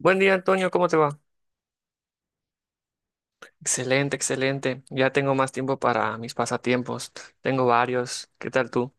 Buen día, Antonio, ¿cómo te va? Excelente, excelente. Ya tengo más tiempo para mis pasatiempos. Tengo varios. ¿Qué tal tú?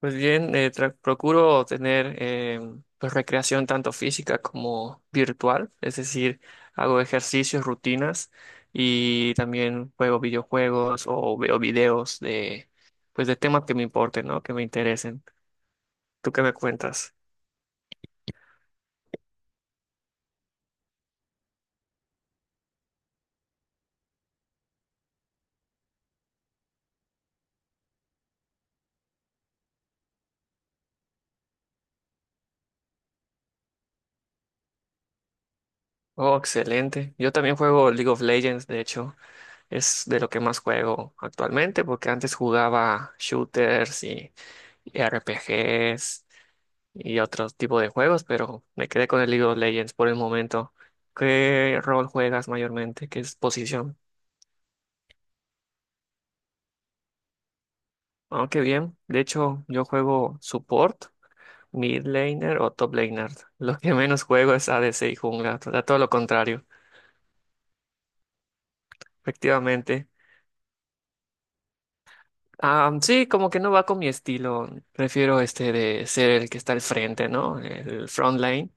Pues bien, procuro tener pues recreación tanto física como virtual, es decir, hago ejercicios, rutinas y también juego videojuegos o veo videos de pues de temas que me importen, ¿no? Que me interesen. ¿Tú qué me cuentas? Oh, excelente. Yo también juego League of Legends, de hecho. Es de lo que más juego actualmente, porque antes jugaba shooters y RPGs y otro tipo de juegos, pero me quedé con el League of Legends por el momento. ¿Qué rol juegas mayormente? ¿Qué es posición? Aunque bien, de hecho yo juego support, mid laner o top laner. Lo que menos juego es ADC y jungla, o sea, todo lo contrario, efectivamente. Ah, sí, como que no va con mi estilo. Prefiero este de ser el que está al frente, ¿no? El front line.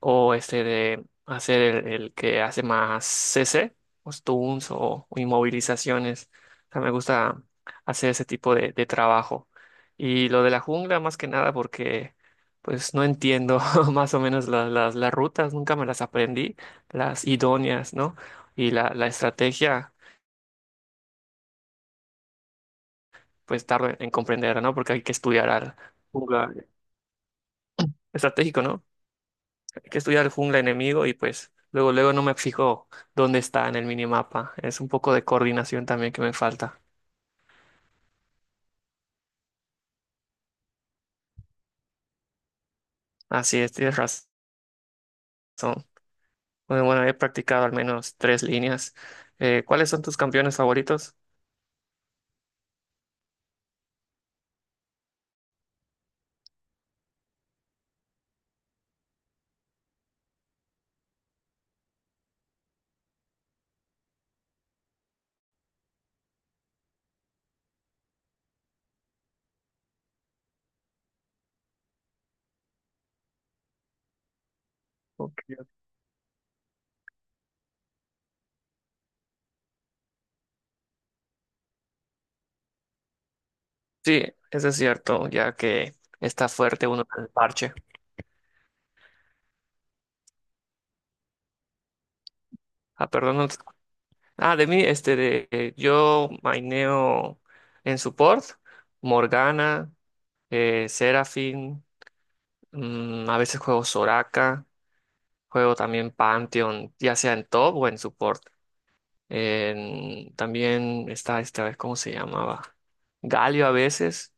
O este de hacer el que hace más CC, o stunts o inmovilizaciones. O sea, me gusta hacer ese tipo de trabajo. Y lo de la jungla, más que nada, porque pues no entiendo más o menos las rutas, nunca me las aprendí, las idóneas, ¿no? Y la estrategia, pues tardo en comprenderla, ¿no? Porque hay que estudiar al jungla estratégico, ¿no? Que estudiar el jungla enemigo y pues luego no me fijo dónde está en el minimapa. Es un poco de coordinación también que me falta. Así es, tienes razón. Bueno, bueno, he practicado al menos tres líneas. ¿Cuáles son tus campeones favoritos? Ok. Sí, eso es cierto, ya que está fuerte uno en el parche. Ah, perdón. No te- Ah, de mí, yo maineo en support, Morgana, Seraphine, a veces juego Soraka. Juego también Pantheon, ya sea en top o en support. También está esta vez, ¿cómo se llamaba? Galio a veces.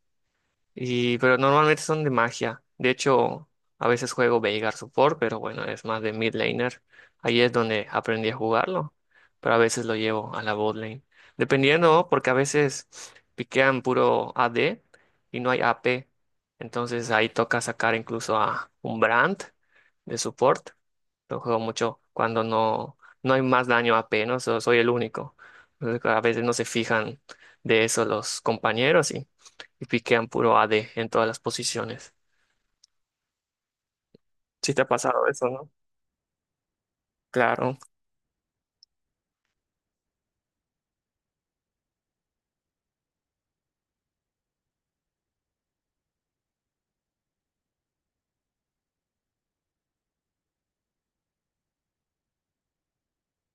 Y, pero normalmente son de magia. De hecho, a veces juego Veigar Support, pero bueno, es más de mid laner. Ahí es donde aprendí a jugarlo. Pero a veces lo llevo a la bot lane. Dependiendo, porque a veces piquean puro AD y no hay AP. Entonces ahí toca sacar incluso a un Brand de support. Lo juego mucho cuando no, no hay más daño AP, ¿no? Soy el único. Entonces, a veces no se fijan de eso los compañeros y piquean puro AD en todas las posiciones. Sí te ha pasado eso, ¿no? Claro,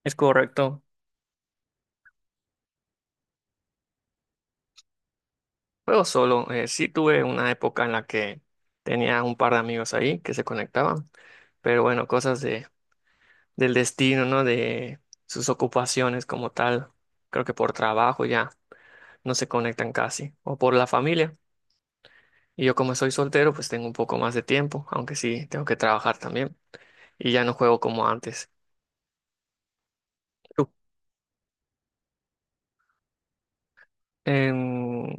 es correcto. Juego solo. Eh, sí tuve una época en la que tenía un par de amigos ahí que se conectaban, pero bueno, cosas del destino, ¿no? De sus ocupaciones como tal. Creo que por trabajo ya no se conectan casi, o por la familia. Y yo como soy soltero, pues tengo un poco más de tiempo, aunque sí tengo que trabajar también. Y ya no juego como antes. ¿Tú? Em,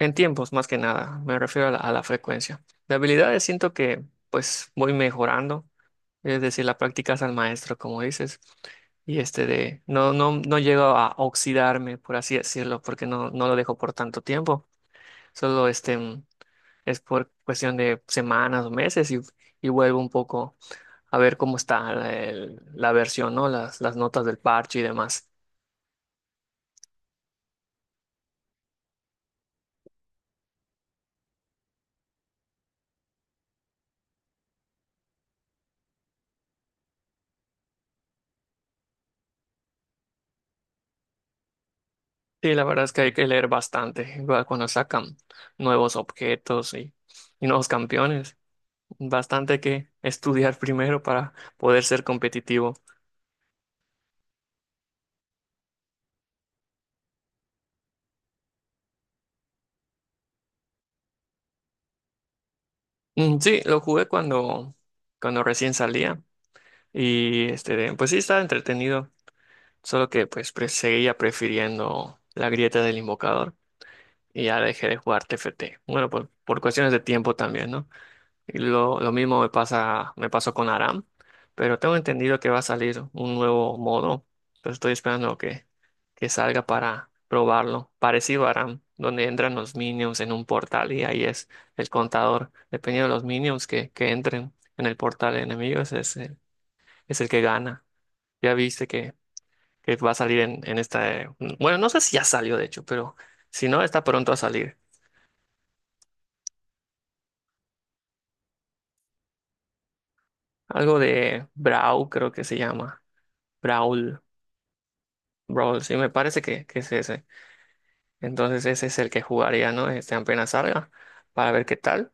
En tiempos, más que nada, me refiero a a la frecuencia. De habilidades siento que pues voy mejorando, es decir, la práctica es al maestro, como dices, y este de no llego a oxidarme, por así decirlo, porque no lo dejo por tanto tiempo, solo este es por cuestión de semanas o meses y vuelvo un poco a ver cómo está la versión, ¿no? Las notas del parche y demás. Sí, la verdad es que hay que leer bastante va, cuando sacan nuevos objetos y nuevos campeones. Bastante que estudiar primero para poder ser competitivo. Mm, sí, lo jugué cuando recién salía y este, pues sí estaba entretenido, solo que seguía prefiriendo la grieta del invocador y ya dejé de jugar TFT. Bueno, por cuestiones de tiempo también, ¿no? Y lo mismo me pasa, me pasó con Aram, pero tengo entendido que va a salir un nuevo modo. Entonces estoy esperando que salga para probarlo. Parecido a Aram, donde entran los minions en un portal y ahí es el contador. Dependiendo de los minions que entren en el portal de enemigos, es es el que gana. Ya viste que va a salir en esta... bueno, no sé si ya salió de hecho, pero si no, está pronto a salir. Algo de Brawl, creo que se llama. Brawl. Brawl, sí, me parece que es ese. Entonces ese es el que jugaría, ¿no? Este apenas salga, para ver qué tal.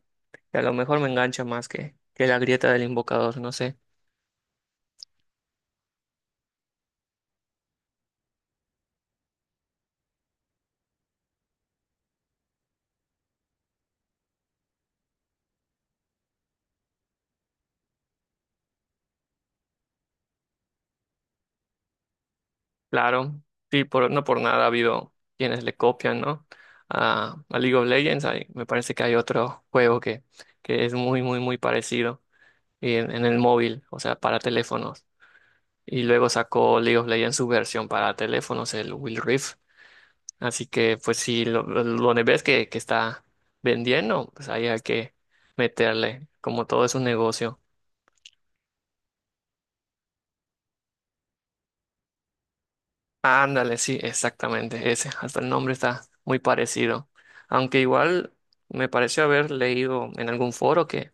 Y a lo mejor me engancha más que la grieta del invocador, no sé. Claro, sí, por, no por nada ha habido quienes le copian, ¿no? A League of Legends, me parece que hay otro juego que es muy, muy, muy parecido y en el móvil, o sea, para teléfonos. Y luego sacó League of Legends su versión para teléfonos, el Will Rift. Así que, pues, si lo ves que está vendiendo, pues ahí hay que meterle, como todo es un negocio. Ándale, sí, exactamente, ese, hasta el nombre está muy parecido. Aunque igual me pareció haber leído en algún foro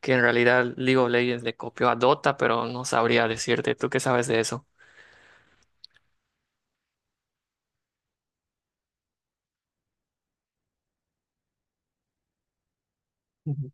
que en realidad League of Legends le copió a Dota, pero no sabría decirte, ¿tú qué sabes de eso? Ujú,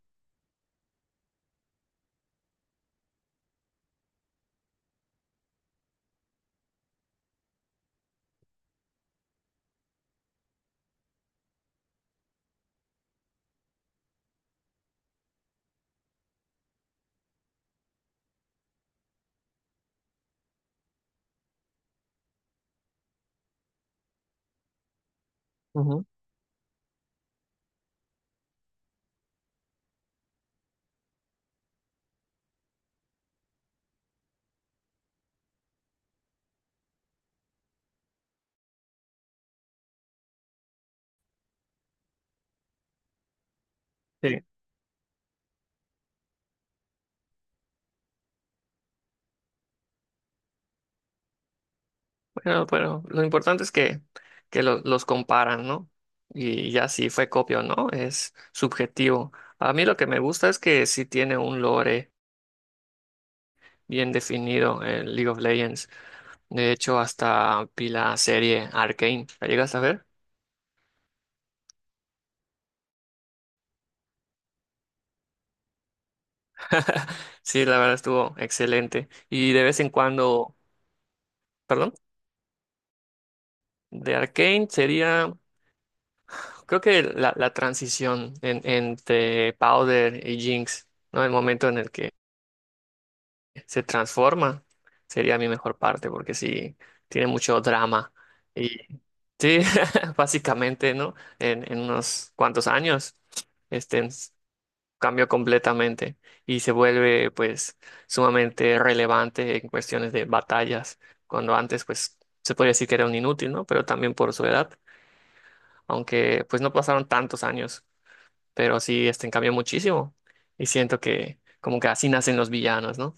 ujú. Sí. Pero lo importante es que los comparan, ¿no? Y ya si fue copia o no, es subjetivo. A mí lo que me gusta es que sí tiene un lore bien definido en League of Legends. De hecho, hasta vi la serie Arcane. ¿La llegas a ver? Sí, la verdad estuvo excelente. Y de vez en cuando, perdón, de Arcane sería, creo que la transición entre Powder y Jinx, ¿no? El momento en el que se transforma, sería mi mejor parte, porque sí, tiene mucho drama. Y sí, básicamente, ¿no? En unos cuantos años, este ens- cambió completamente y se vuelve, pues, sumamente relevante en cuestiones de batallas, cuando antes, pues, se podría decir que era un inútil, ¿no? Pero también por su edad, aunque, pues, no pasaron tantos años, pero sí, este cambió muchísimo y siento que, como que así nacen los villanos, ¿no?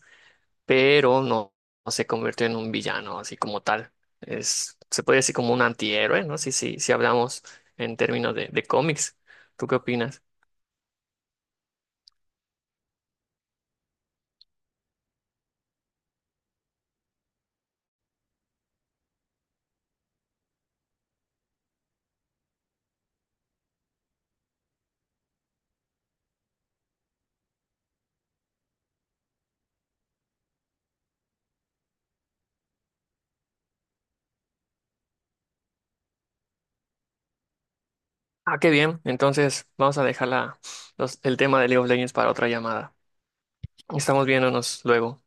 Pero no se convirtió en un villano así como tal. Se puede decir como un antihéroe, ¿no? Si hablamos en términos de cómics. ¿Tú qué opinas? Ah, qué bien. Entonces vamos a dejar el tema de League of Legends para otra llamada. Estamos viéndonos luego.